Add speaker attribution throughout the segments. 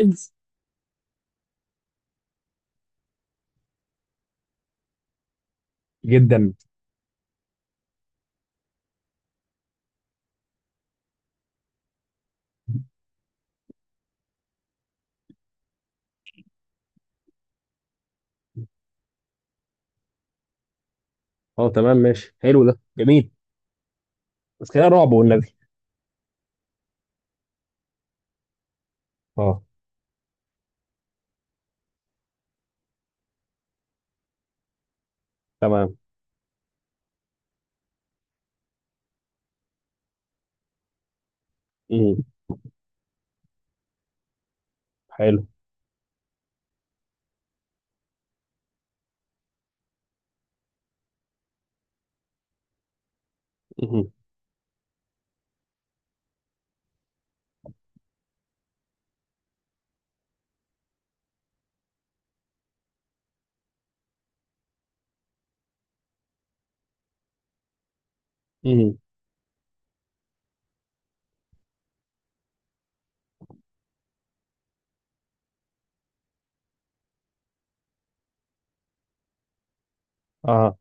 Speaker 1: إنس. جدا. اه، تمام ماشي، حلو ده جميل. بس خلينا رعب والنبي. اه، تمام. امم حلو. امم امم اه،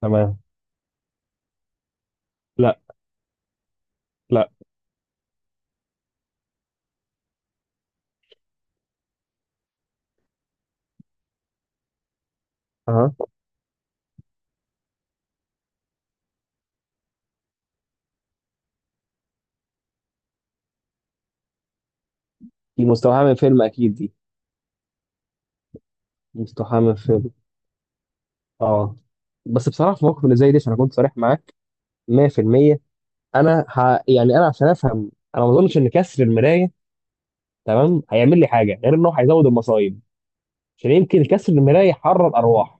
Speaker 1: تمام. لا، لا. اه. دي مستوحاه من فيلم اكيد دي، مستوحاه من فيلم. اه بس بصراحه في موقف اللي زي ده، عشان اكون صريح معاك 100%، انا يعني انا عشان افهم، انا ما اظنش ان كسر المرايه، تمام، هيعمل لي حاجه غير انه هيزود المصايب، عشان يمكن كسر المرايه يحرر ارواح.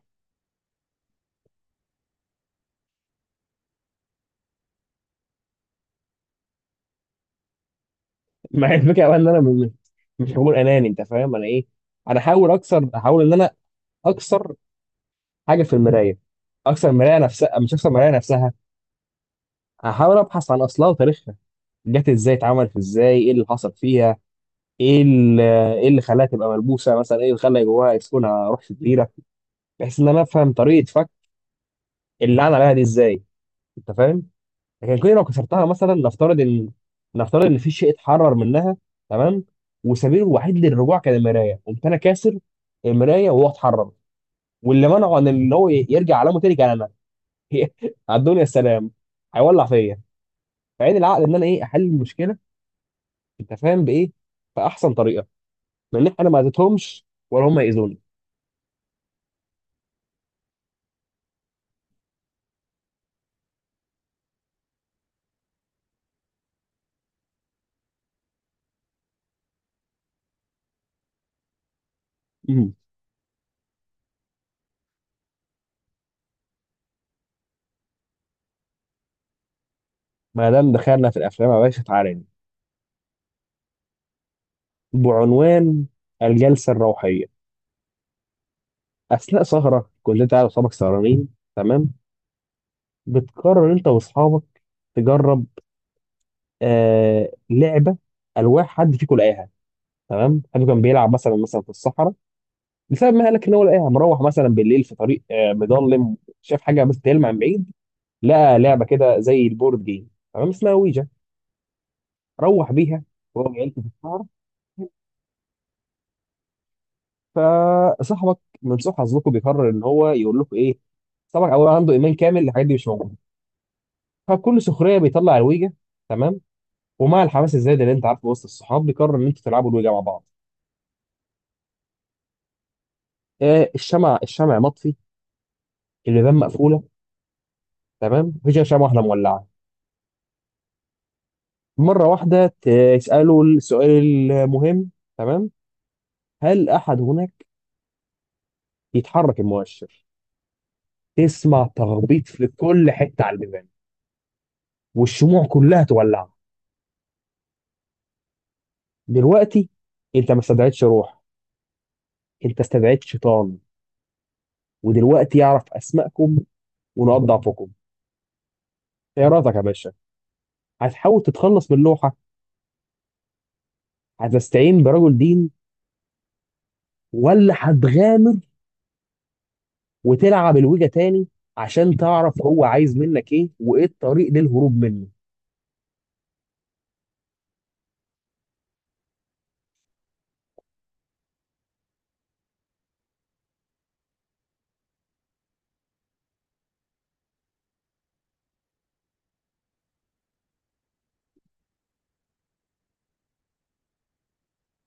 Speaker 1: مع الفكره بقى ان انا مش هقول اناني، انت فاهم انا ايه. انا احاول ان انا اكسر حاجه في المرايه، اكسر المرايه نفسها، مش اكسر المرايه نفسها. احاول ابحث عن اصلها وتاريخها، جت ازاي، اتعملت ازاي، ايه اللي حصل فيها، ايه اللي ايه اللي خلاها تبقى ملبوسه مثلا، ايه اللي خلى جواها يسكنها روح شريره، بحيث ان انا افهم طريقه فك اللي عن عليها دي ازاي، انت فاهم؟ لكن كل لو كسرتها، مثلا، نفترض ان في شيء اتحرر منها، تمام، وسبيله الوحيد للرجوع كان المرايه، قمت انا كاسر المرايه وهو اتحرر، واللي منعه عن ان هو يرجع علامه تاني كان انا. على الدنيا السلام، هيولع فيا. فعين العقل ان انا ايه، احل المشكله، انت فاهم بايه، باحسن طريقه، لان انا ما اذيتهمش ولا هم ياذوني. مم. ما دام دخلنا في الافلام يا باشا، تعالى، بعنوان الجلسه الروحيه. اثناء سهره، كلنا تعالى وصحابك سهرانين، تمام، بتقرر انت واصحابك تجرب لعبه الواح حد فيكم لقاها. تمام، حد كان بيلعب مثلا، في الصحراء، بسبب ما قالك ان هو لقاها، مروح مثلا بالليل في طريق مظلم، شاف حاجه بس تلمع من بعيد، لقى لعبه كده زي البورد جيم، تمام، اسمها ويجا، روح بيها. وهو جاي في الصحراء، فصاحبك من سوء حظكم بيقرر ان هو يقول لكم ايه. صاحبك اول عنده ايمان كامل الحاجات دي مش موجوده، فبكل سخريه بيطلع الويجا. تمام، ومع الحماس الزايد اللي انت عارفه وسط الصحاب، بيقرر ان انتوا تلعبوا الوجه مع بعض. الشمع، الشمع مطفي، البيبان مقفوله، تمام، مفيش غير شمعه واحده مولعه، مره واحده، تساله السؤال المهم، تمام، هل احد هناك؟ يتحرك المؤشر، تسمع تخبيط في كل حته على البيبان والشموع كلها تولع. دلوقتي انت ما استدعيتش روح، انت استدعيت شيطان، ودلوقتي يعرف اسمائكم ونقاط ضعفكم. ايه رايك يا باشا؟ هتحاول تتخلص من اللوحه، هتستعين برجل دين، ولا هتغامر وتلعب الويجا تاني عشان تعرف هو عايز منك ايه وايه الطريق للهروب منه؟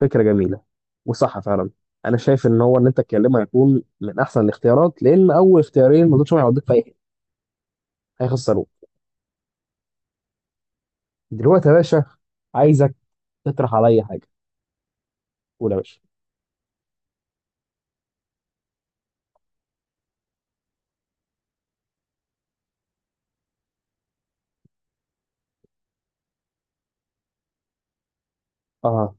Speaker 1: فكرة جميلة، وصح فعلا. انا شايف ان هو ان انت تكلمه هيكون من احسن الاختيارات، لان اول اختيارين ما دولش هيوديك في اي حته، هيخسروك. دلوقتي يا باشا عايزك تطرح عليا حاجه، قول يا باشا. اه.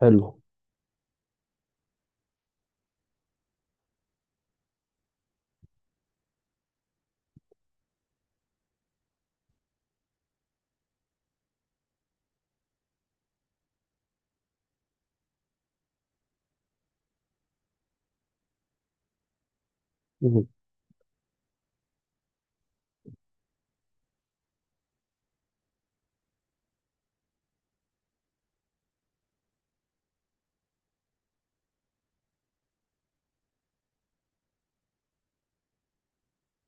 Speaker 1: حلو. مم.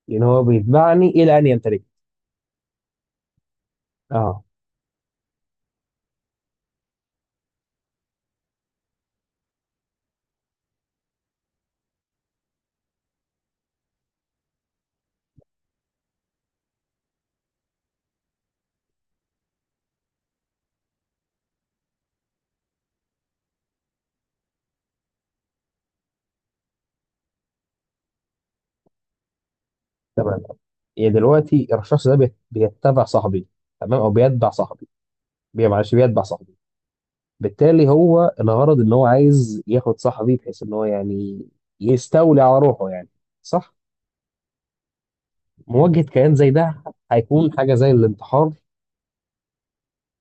Speaker 1: يعني هو بيتبعني الى ان يمتلك. اه، تمام. يعني دلوقتي الشخص ده بيتبع صاحبي، تمام، او بيتبع صاحبي، معلش، بيتبع صاحبي. بالتالي هو الغرض ان هو عايز ياخد صاحبي، بحيث ان هو يعني يستولي على روحه يعني، صح؟ مواجهة كيان زي ده هيكون حاجة زي الانتحار،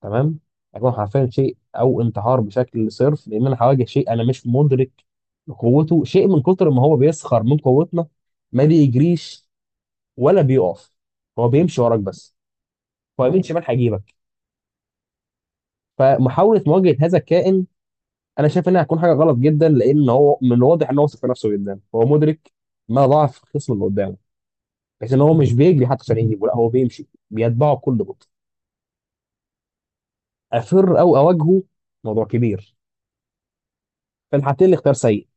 Speaker 1: تمام، هيكون حرفيا شيء او انتحار بشكل صرف، لان انا هواجه شيء انا مش مدرك لقوته، شيء من كتر ما هو بيسخر من قوتنا، ما بيجريش ولا بيقف، هو بيمشي وراك بس، هو يمين شمال هيجيبك. فمحاولة مواجهة هذا الكائن انا شايف انها هتكون حاجه غلط جدا، لان هو من الواضح ان هو واثق في نفسه جدا، هو مدرك ما ضعف الخصم اللي قدامه، بحيث ان هو مش بيجري حتى عشان يجيبه، لا هو بيمشي بيتبعه بكل بطء. افر او اواجهه، موضوع كبير، في الحالتين الاختيار سيء.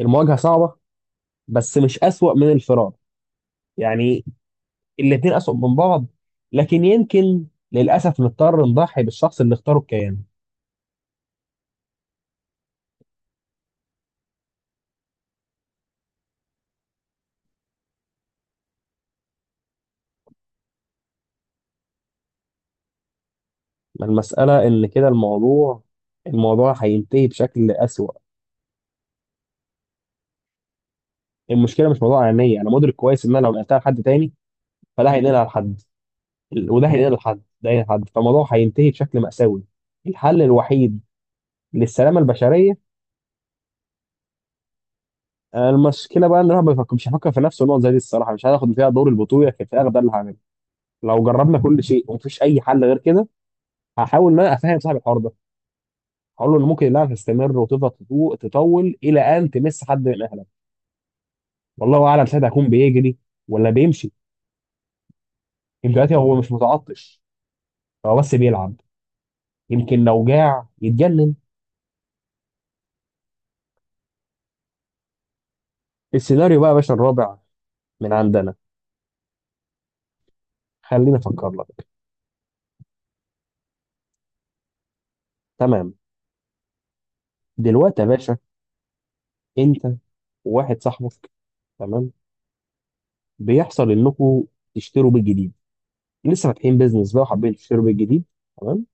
Speaker 1: المواجهه صعبه بس مش اسوأ من الفرار، يعني الاثنين اسوأ من بعض. لكن يمكن للاسف نضطر نضحي بالشخص اللي اختاره كيان. ما المساله ان كده، الموضوع، الموضوع هينتهي بشكل اسوأ. المشكله مش موضوع عينيا، انا مدرك كويس ان انا لو نقلتها لحد تاني فده هينقلها لحد وده هينقلها لحد، ده هينقلها لحد، فالموضوع هينتهي بشكل مأساوي. الحل الوحيد للسلامة البشرية، المشكلة بقى ان الواحد ما مش هيفكر في نفسه نقط زي دي الصراحة، مش هياخد فيها دور البطولة، في الفراغ ده اللي هعمله. لو جربنا كل شيء ومفيش أي حل غير كده، هحاول ان انا افهم صاحب الحوار ده، هقول له ان ممكن اللعبة تستمر وتفضل تطول إلى أن تمس حد من أهلك، والله أعلم ساعتها هيكون بيجري ولا بيمشي. دلوقتي هو مش متعطش، هو بس بيلعب، يمكن لو جاع يتجنن. السيناريو بقى يا باشا الرابع من عندنا، خليني افكر لك. تمام، دلوقتي يا باشا، انت وواحد صاحبك، تمام، بيحصل انكم تشتروا بيت جديد، لسه فاتحين بيزنس بقى وحابين تشتروا بيت جديد. تمام،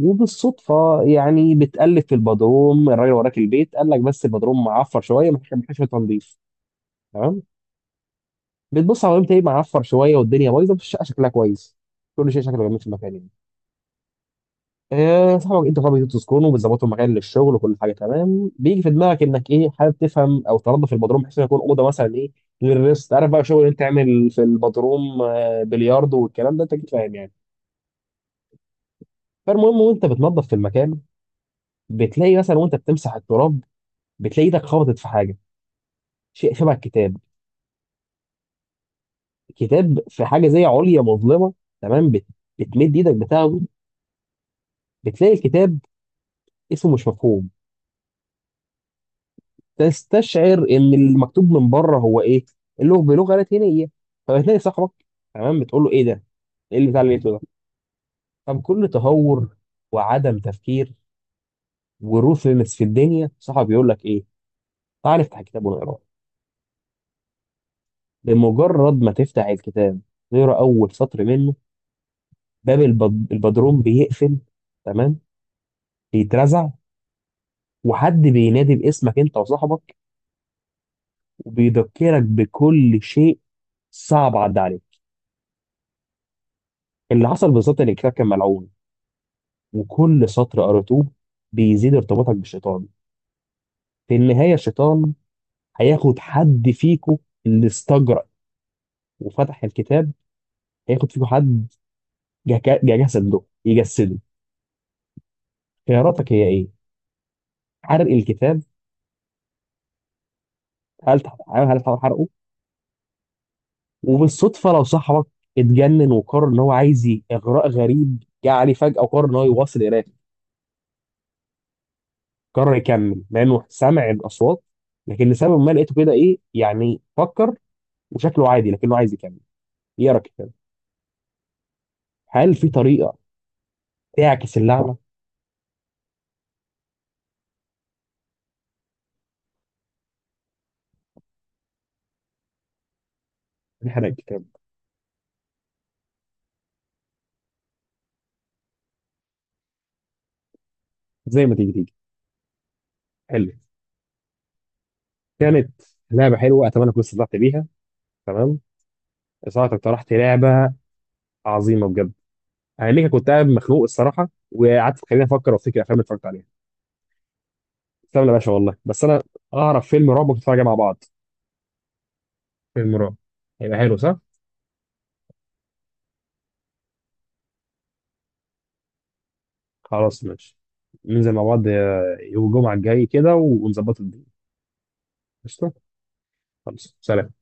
Speaker 1: وبالصدفه، يعني بتقلب في البدروم، الراجل وراك البيت قال لك بس البدروم معفر شويه، محتاج، شوية تنظيف. تمام، بتبص على البيت، ايه، معفر شويه والدنيا بايظه بس الشقه شكلها كويس، كل شيء شكله جميل في المكان يعني. صاحبك انتوا خلاص بتدوا سكون وبتظبطوا مكان للشغل وكل حاجه تمام، بيجي في دماغك انك ايه، حابب تفهم او تنظف البدروم بحيث انه يكون اوضه مثلا، ايه، للريست، عارف بقى، شغل انت تعمل في البدروم، بلياردو والكلام ده، انت اكيد فاهم يعني. فالمهم، وانت بتنظف في المكان بتلاقي، مثلا وانت بتمسح التراب بتلاقي ايدك خبطت في حاجه، شيء شبه الكتاب، كتاب في حاجه زي عليا مظلمه، تمام، بتمد ايدك بتاخده، بتلاقي الكتاب اسمه مش مفهوم، تستشعر ان المكتوب من بره هو ايه، اللغه بلغه لاتينيه. فبتلاقي صاحبك، تمام، بتقول له ايه ده، ايه اللي بتاع اللي لقيته ده. طب كل تهور وعدم تفكير وروثلس في الدنيا، صاحبك بيقول لك ايه؟ تعال افتح الكتاب ونقراه. بمجرد ما تفتح الكتاب، تقرا اول سطر منه، باب البدروم بيقفل، تمام، بيترزع، وحد بينادي باسمك انت وصاحبك وبيذكرك بكل شيء صعب عدى عليك. اللي حصل بالظبط ان الكتاب كان ملعون، وكل سطر قريتوه بيزيد ارتباطك بالشيطان، في النهاية الشيطان هياخد حد فيكو اللي استجرأ وفتح الكتاب، هياخد فيكو حد، جسده يجسده. خياراتك هي ايه؟ حرق الكتاب، هل هل تحاول حرقه؟ وبالصدفة لو صاحبك اتجنن وقرر ان هو عايز اغراء غريب جه عليه فجأة وقرر ان هو يواصل قراءته، قرر يكمل مع انه سمع الاصوات، لكن لسبب ما لقيته كده ايه يعني، فكر وشكله عادي لكنه عايز يكمل يقرا الكتاب، هل في طريقة تعكس اللعنه، انحراء الكتاب؟ زي ما تيجي تيجي، حلو. كانت لعبه حلوه، اتمنى كنت استمتعت بيها، تمام. صراحه اقترحت لعبه عظيمه بجد، انا ليك كنت قاعد مخنوق الصراحه وقعدت خليني افكر وافتكر افلام اللي اتفرجت عليها. استنى يا باشا، والله بس انا اعرف فيلم رعب ممكن نتفرج عليه مع بعض، فيلم رعب، هيبقى حلو صح؟ خلاص ماشي، ننزل مع بعض، يوم الجمعه الجاي كده، ونظبط الدنيا. قشطه، خلاص، سلام.